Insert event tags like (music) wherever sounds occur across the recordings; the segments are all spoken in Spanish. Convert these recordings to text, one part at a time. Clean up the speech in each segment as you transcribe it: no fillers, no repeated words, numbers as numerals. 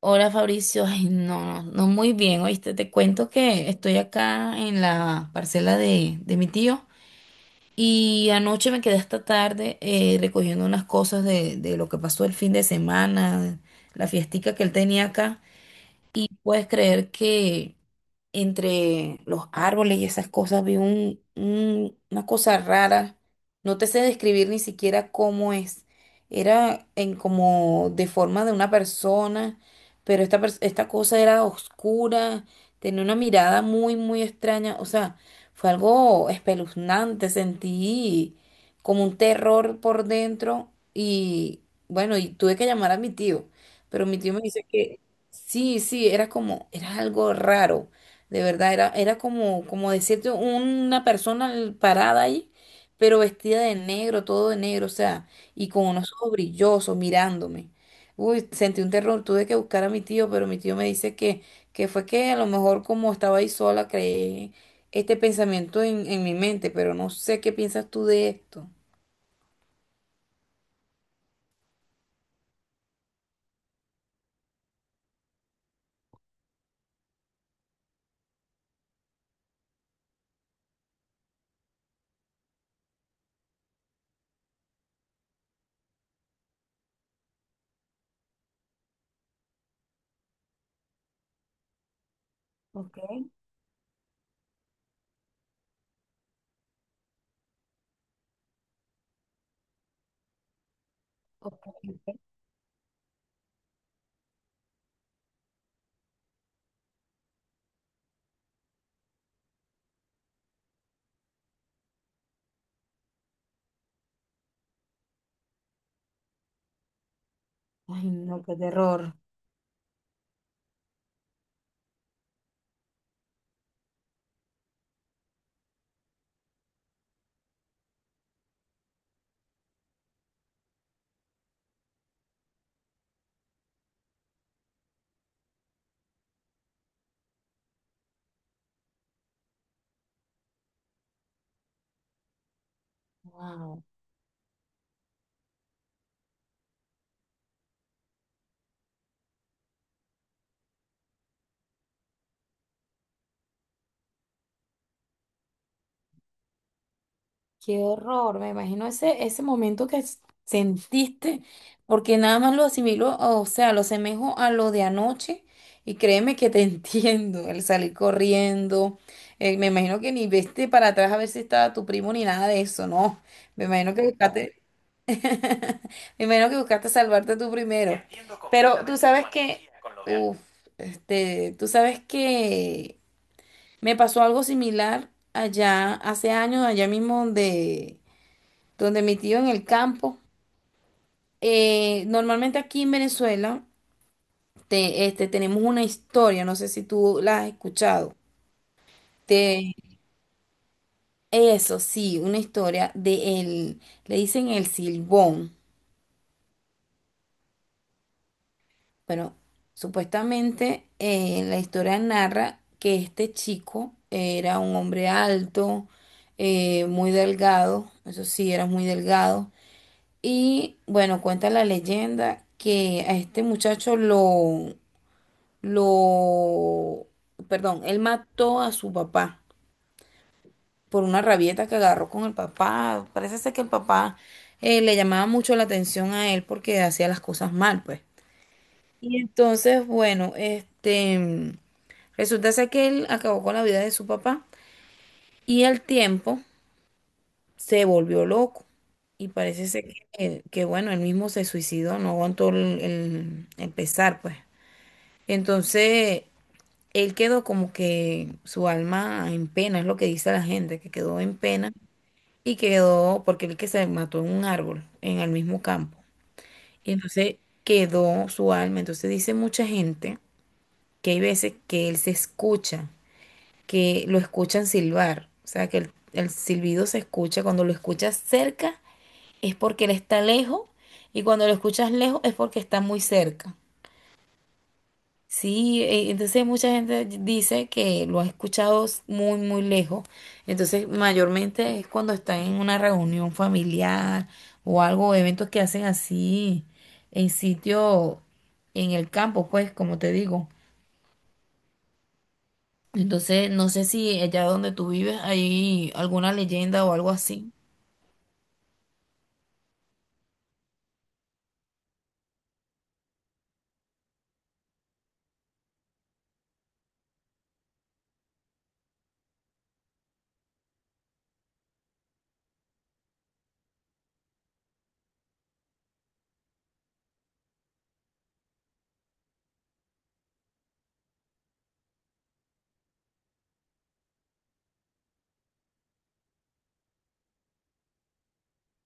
Hola Fabricio, (laughs) ay no, no, no muy bien, oíste, te cuento que estoy acá en la parcela de mi tío y anoche me quedé hasta tarde recogiendo unas cosas de lo que pasó el fin de semana, la fiestica que él tenía acá. Puedes creer que entre los árboles y esas cosas vi una cosa rara. No te sé describir ni siquiera cómo es. Era en como de forma de una persona, pero esta cosa era oscura, tenía una mirada muy extraña. O sea, fue algo espeluznante. Sentí como un terror por dentro y bueno, y tuve que llamar a mi tío, pero mi tío me dice que sí, sí, era como, era algo raro. De verdad, era como, como decirte una persona parada ahí, pero vestida de negro, todo de negro, o sea, y con unos ojos brillosos mirándome. Uy, sentí un terror, tuve que buscar a mi tío, pero mi tío me dice que fue que a lo mejor como estaba ahí sola, creé este pensamiento en mi mente, pero no sé qué piensas tú de esto. Ok, ok. Ay, no, qué terror. Wow. Qué horror, me imagino ese momento que sentiste, porque nada más lo asimilo, o sea, lo asemejo a lo de anoche y créeme que te (laughs) entiendo, el salir corriendo, me imagino que ni viste para atrás a ver si estaba tu primo ni nada de eso, no, me imagino que buscaste, (laughs) me imagino que buscaste salvarte tú primero, pero tú sabes que, uff, tú sabes que me pasó algo similar allá hace años, allá mismo donde donde mi tío en el campo. Normalmente aquí en Venezuela tenemos una historia, no sé si tú la has escuchado. De eso, sí, una historia de el, le dicen el Silbón. Bueno, supuestamente la historia narra que este chico era un hombre alto, muy delgado, eso sí, era muy delgado. Y bueno, cuenta la leyenda que a este muchacho lo, perdón, él mató a su papá por una rabieta que agarró con el papá. Parece ser que el papá le llamaba mucho la atención a él porque hacía las cosas mal, pues. Y entonces, bueno, resulta ser que él acabó con la vida de su papá y al tiempo se volvió loco. Y parece ser que, bueno, él mismo se suicidó, no aguantó el pesar, pues. Entonces, él quedó como que su alma en pena, es lo que dice la gente, que quedó en pena y quedó porque él que se mató en un árbol, en el mismo campo. Y entonces quedó su alma. Entonces dice mucha gente que hay veces que él se escucha, que lo escuchan silbar. O sea, que el silbido se escucha. Cuando lo escuchas cerca es porque él está lejos y cuando lo escuchas lejos es porque está muy cerca. Sí, entonces mucha gente dice que lo ha escuchado muy, muy lejos. Entonces, mayormente es cuando están en una reunión familiar o algo, eventos que hacen así en sitio, en el campo, pues, como te digo. Entonces, no sé si allá donde tú vives hay alguna leyenda o algo así.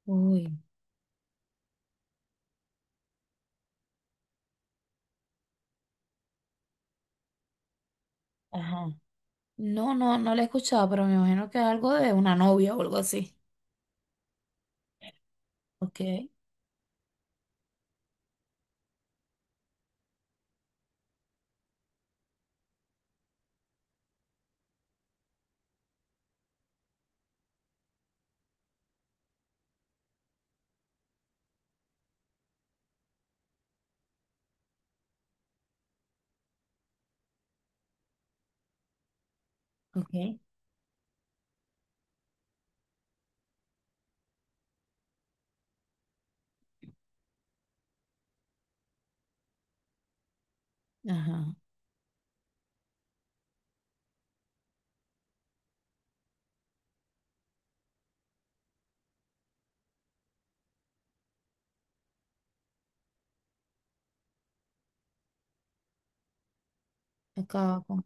Uy, ajá. No, no, no la he escuchado, pero me imagino que es algo de una novia o algo así. Ok, ok. Ajá. Acaba con.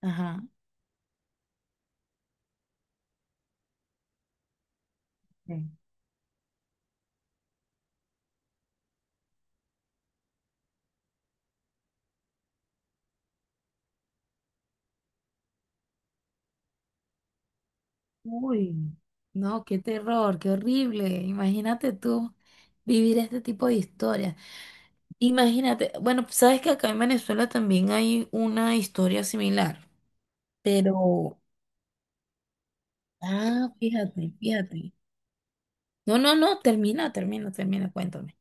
Ajá. Uy, no, qué terror, qué horrible. Imagínate tú vivir este tipo de historias. Imagínate, bueno, sabes que acá en Venezuela también hay una historia similar, pero, ah, fíjate, fíjate. No, no, no, termina, termina, termina, cuéntame.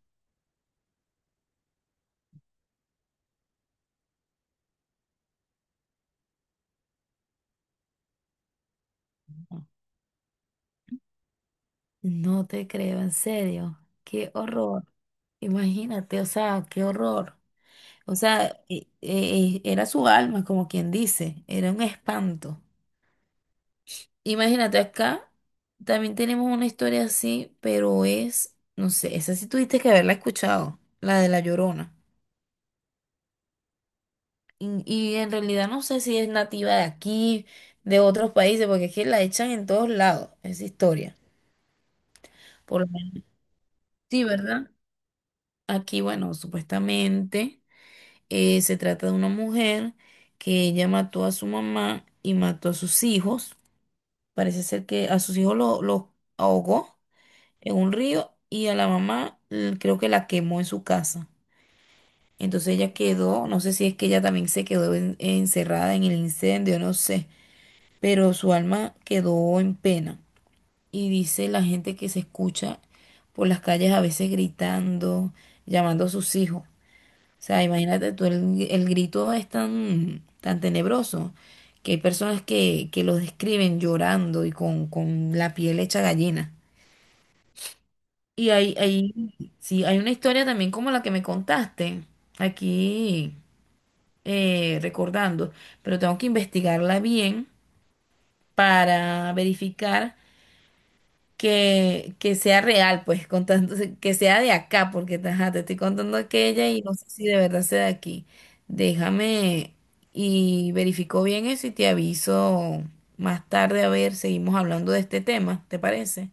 No te creo, en serio, qué horror. Imagínate, o sea, qué horror. O sea, era su alma, como quien dice, era un espanto. Imagínate acá, también tenemos una historia así, pero es, no sé, esa sí tuviste que haberla escuchado, la de La Llorona. Y en realidad no sé si es nativa de aquí, de otros países, porque es que la echan en todos lados, esa historia. Por lo menos, sí, ¿verdad? Aquí, bueno, supuestamente se trata de una mujer que ella mató a su mamá y mató a sus hijos. Parece ser que a sus hijos los ahogó en un río y a la mamá creo que la quemó en su casa. Entonces ella quedó, no sé si es que ella también se quedó encerrada en el incendio, no sé, pero su alma quedó en pena. Y dice la gente que se escucha por las calles a veces gritando, llamando a sus hijos. O sea, imagínate tú, el grito es tan tenebroso que hay personas que lo describen llorando y con la piel hecha gallina. Y sí, hay una historia también como la que me contaste aquí recordando, pero tengo que investigarla bien para verificar que sea real, pues, contando, que sea de acá, porque ajá, te estoy contando aquella y no sé si de verdad sea de aquí. Déjame y verifico bien eso y te aviso más tarde a ver, seguimos hablando de este tema, ¿te parece?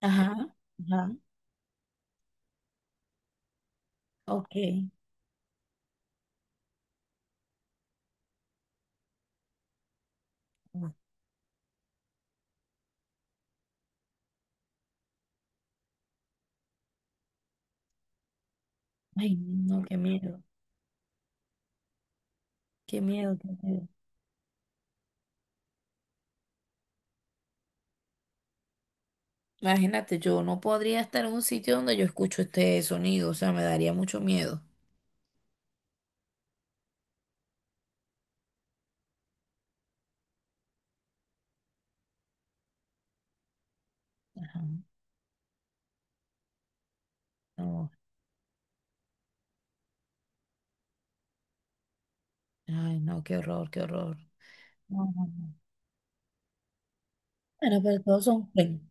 Ajá, ajá, ok. Ay, no, qué miedo. Qué miedo, qué miedo. Imagínate, yo no podría estar en un sitio donde yo escucho este sonido, o sea, me daría mucho miedo. Ajá, no, ay, no, qué horror, qué horror. No, no, no. Bueno, pero todos son sueños.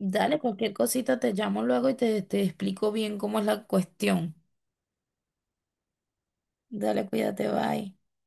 Dale, cualquier cosita te llamo luego y te explico bien cómo es la cuestión. Dale, cuídate, bye.